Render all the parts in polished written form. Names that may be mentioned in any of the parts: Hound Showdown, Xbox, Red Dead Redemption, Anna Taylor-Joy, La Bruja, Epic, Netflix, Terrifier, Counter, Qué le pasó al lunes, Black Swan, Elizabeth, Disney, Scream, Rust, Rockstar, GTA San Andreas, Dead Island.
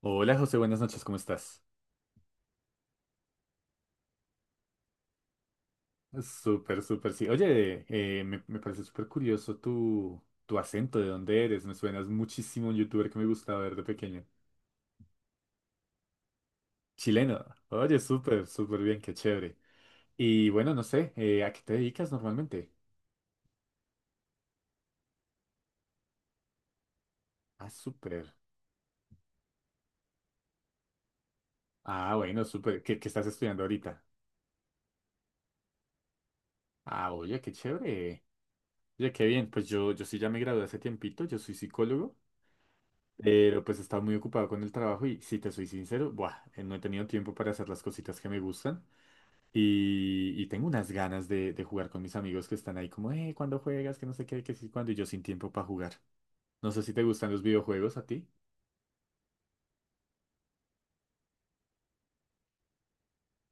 Hola José, buenas noches, ¿cómo estás? Súper, súper, sí. Oye, me parece súper curioso tu acento, de dónde eres. Me suenas muchísimo a un youtuber que me gustaba ver de pequeño. Chileno. Oye, súper, súper bien, qué chévere. Y bueno, no sé, ¿a qué te dedicas normalmente? Ah, súper. Ah, bueno, súper. ¿Qué estás estudiando ahorita? Ah, oye, qué chévere. Oye, qué bien. Pues yo sí ya me gradué hace tiempito, yo soy psicólogo. Pero pues estaba muy ocupado con el trabajo y si te soy sincero, buah, no he tenido tiempo para hacer las cositas que me gustan y tengo unas ganas de jugar con mis amigos que están ahí como, ¿cuándo juegas? Que no sé qué, que sí, cuándo y yo sin tiempo para jugar. No sé si te gustan los videojuegos a ti.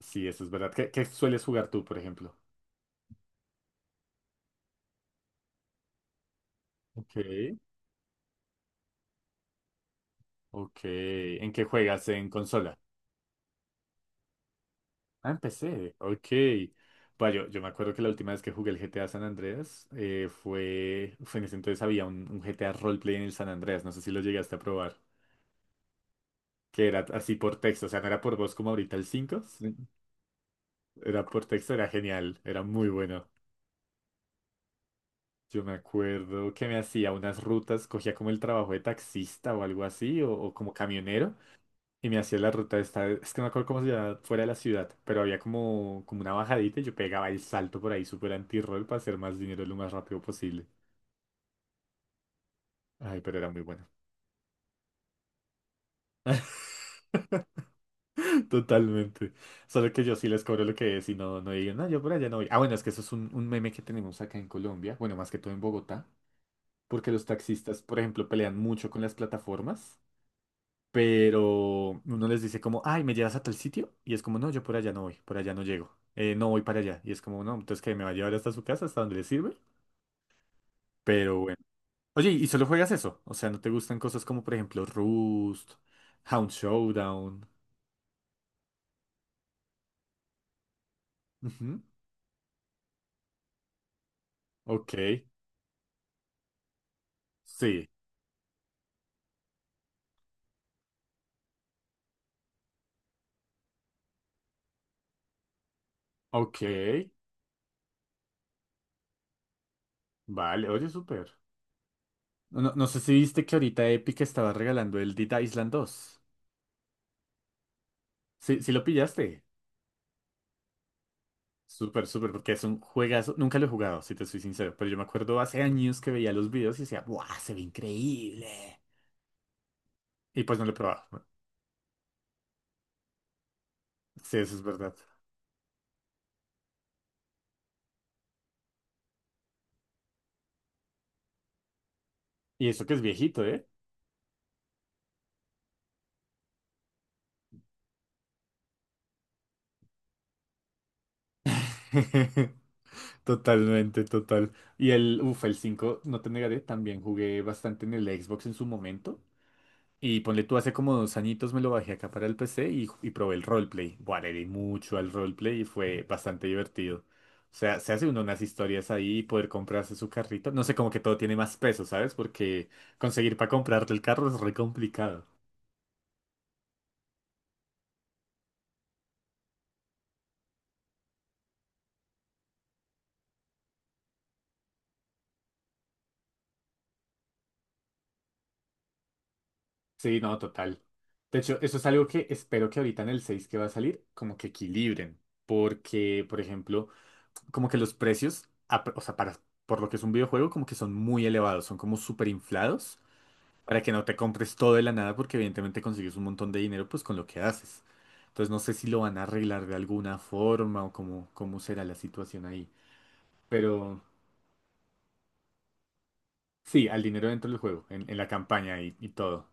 Sí, eso es verdad. ¿Qué sueles jugar tú, por ejemplo? Ok, ok. ¿En qué juegas? ¿En consola? Ah, empecé. Ok. Bueno, yo me acuerdo que la última vez que jugué el GTA San Andreas fue en ese entonces había un GTA roleplay en el San Andreas. No sé si lo llegaste a probar. Que era así por texto. O sea, no era por voz como ahorita el 5. Sí, Era por texto, era genial. Era muy bueno. Yo me acuerdo que me hacía unas rutas, cogía como el trabajo de taxista o algo así, o como camionero. Y me hacía la ruta esta, es que no me acuerdo cómo se llama, fuera de la ciudad, pero había como una bajadita y yo pegaba el salto por ahí súper anti-roll para hacer más dinero lo más rápido posible. Ay, pero era muy bueno. Totalmente. Solo que yo sí les cobro lo que es y no, no digan, no, yo por allá no voy. Ah, bueno, es que eso es un meme que tenemos acá en Colombia, bueno, más que todo en Bogotá, porque los taxistas, por ejemplo, pelean mucho con las plataformas pero uno les dice como, ay, ¿me llevas a tal sitio? Y es como, no, yo por allá no voy, por allá no llego, no voy para allá. Y es como, no, entonces que me va a llevar hasta su casa, hasta donde le sirve. Pero bueno. Oye, ¿y solo juegas eso? O sea, ¿no te gustan cosas como, por ejemplo, Rust, Hound Showdown? Ujú. Ok, sí, ok, vale, oye, súper. No, no sé si viste que ahorita Epic estaba regalando el Dead Island dos. Sí, sí lo pillaste. Súper, súper, porque es un juegazo. Nunca lo he jugado, si te soy sincero, pero yo me acuerdo hace años que veía los videos y decía, ¡buah, se ve increíble! Y pues no lo he probado. Bueno, sí, eso es verdad. Y eso que es viejito, ¿eh? Totalmente, total. Y el, uff, el 5 no te negaré, también jugué bastante en el Xbox en su momento. Y ponle tú, hace como 2 añitos me lo bajé acá para el PC y probé el roleplay. Buah, le di mucho al roleplay y fue bastante divertido. O sea, se hace uno unas historias ahí y poder comprarse su carrito. No sé, como que todo tiene más peso, ¿sabes? Porque conseguir para comprarte el carro es re complicado. Sí, no, total. De hecho, eso es algo que espero que ahorita en el 6 que va a salir, como que equilibren. Porque, por ejemplo, como que los precios, o sea, para, por lo que es un videojuego, como que son muy elevados, son como súper inflados. Para que no te compres todo de la nada, porque evidentemente consigues un montón de dinero pues con lo que haces. Entonces no sé si lo van a arreglar de alguna forma o cómo será la situación ahí. Pero sí, al dinero dentro del juego, en la campaña y todo.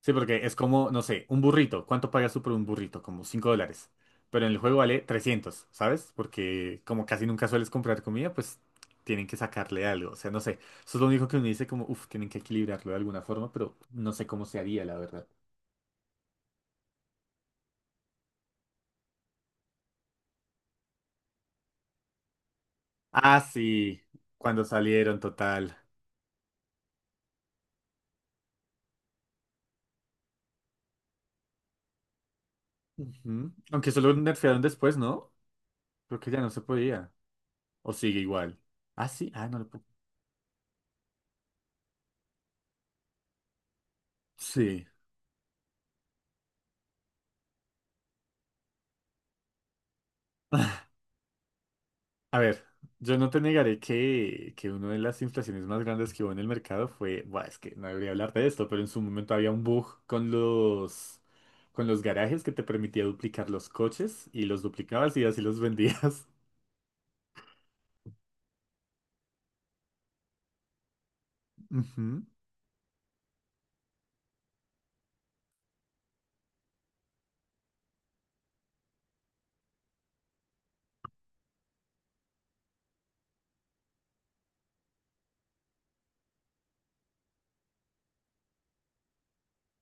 Sí, porque es como, no sé, un burrito. ¿Cuánto pagas tú por un burrito? Como $5. Pero en el juego vale 300, ¿sabes? Porque como casi nunca sueles comprar comida, pues tienen que sacarle algo. O sea, no sé. Eso es lo único que uno dice como, uff, tienen que equilibrarlo de alguna forma, pero no sé cómo se haría, la verdad. Ah, sí, cuando salieron, total. Ujú. Aunque solo nerfearon después, ¿no? Creo que ya no se podía. O sigue igual. Ah, sí, ah, no lo puedo. Sí. A ver, yo no te negaré que, una de las inflaciones más grandes que hubo en el mercado fue. Buah, es que no debería hablar de esto, pero en su momento había un bug con los garajes que te permitía duplicar los coches y los duplicabas y así los vendías. Ujú.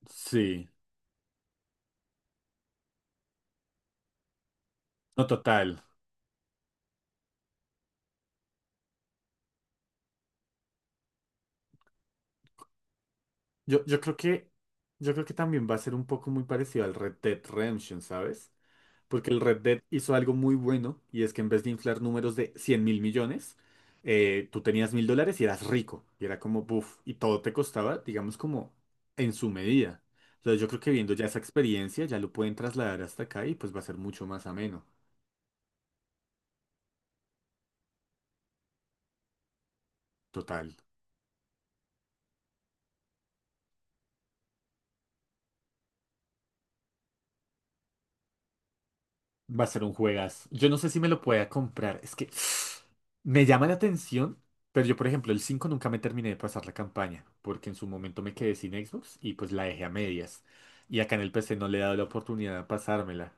Sí. No, total. Yo, yo creo que, yo creo que también va a ser un poco muy parecido al Red Dead Redemption, ¿sabes? Porque el Red Dead hizo algo muy bueno y es que en vez de inflar números de 100.000.000.000, tú tenías $1.000 y eras rico. Y era como, buf, y todo te costaba, digamos, como en su medida. Entonces yo creo que viendo ya esa experiencia, ya lo pueden trasladar hasta acá y pues va a ser mucho más ameno. Total. Va a ser un juegazo. Yo no sé si me lo pueda comprar. Es que me llama la atención, pero yo, por ejemplo, el 5 nunca me terminé de pasar la campaña, porque en su momento me quedé sin Xbox y pues la dejé a medias. Y acá en el PC no le he dado la oportunidad de pasármela.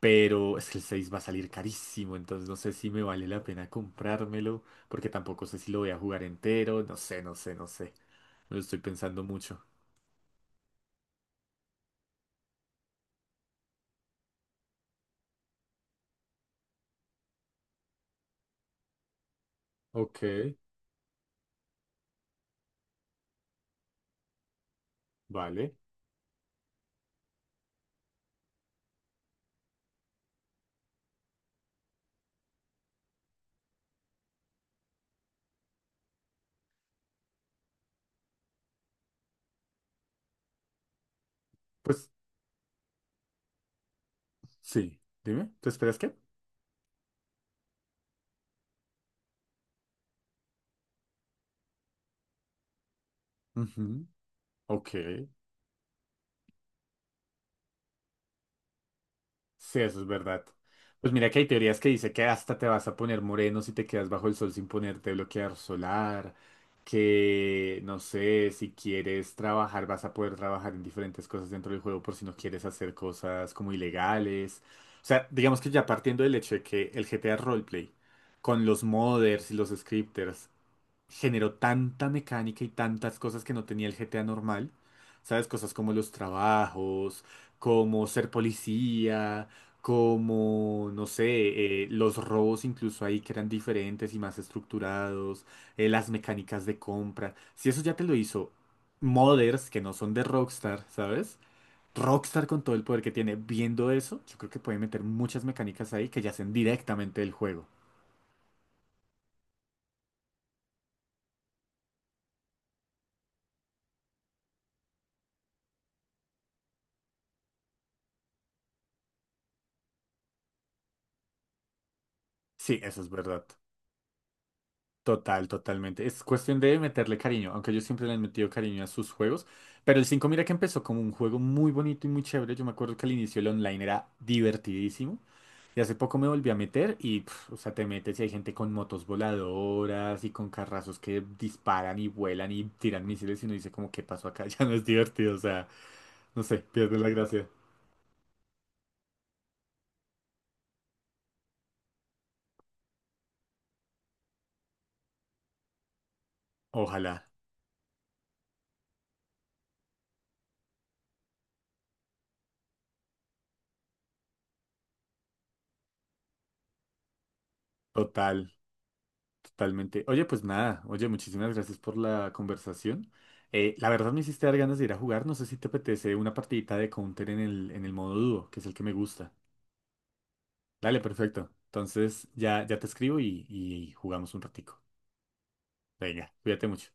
Pero es que el 6 va a salir carísimo, entonces no sé si me vale la pena comprármelo, porque tampoco sé si lo voy a jugar entero. No sé, no sé, no sé. Me lo estoy pensando mucho. Ok, vale. Pues sí, dime, ¿te esperas qué? Ujú. Ok. Sí, eso es verdad. Pues mira que hay teorías que dice que hasta te vas a poner moreno si te quedas bajo el sol sin ponerte bloqueador solar, que no sé, si quieres trabajar vas a poder trabajar en diferentes cosas dentro del juego por si no quieres hacer cosas como ilegales. O sea, digamos que ya partiendo del hecho de que el GTA Roleplay, con los modders y los scripters, generó tanta mecánica y tantas cosas que no tenía el GTA normal. ¿Sabes? Cosas como los trabajos, como ser policía, como, no sé, los robos incluso ahí que eran diferentes y más estructurados, las mecánicas de compra. Si eso ya te lo hizo modders que no son de Rockstar, ¿sabes? Rockstar con todo el poder que tiene viendo eso, yo creo que puede meter muchas mecánicas ahí que yacen directamente del juego. Sí, eso es verdad. Total, totalmente. Es cuestión de meterle cariño, aunque yo siempre le he metido cariño a sus juegos. Pero el 5, mira que empezó como un juego muy bonito y muy chévere. Yo me acuerdo que al inicio el online era divertidísimo. Y hace poco me volví a meter y, pf, o sea, te metes y hay gente con motos voladoras y con carrazos que disparan y vuelan y tiran misiles y uno dice como, ¿qué pasó acá? Ya no es divertido, o sea, no sé, pierde la gracia. Ojalá, total. Totalmente. Oye, pues nada, oye, muchísimas gracias por la conversación. La verdad me hiciste dar ganas de ir a jugar. No sé si te apetece una partidita de Counter en el, modo dúo, que es el que me gusta. Dale, perfecto. Entonces ya te escribo y jugamos un ratico. Venga, cuídate mucho.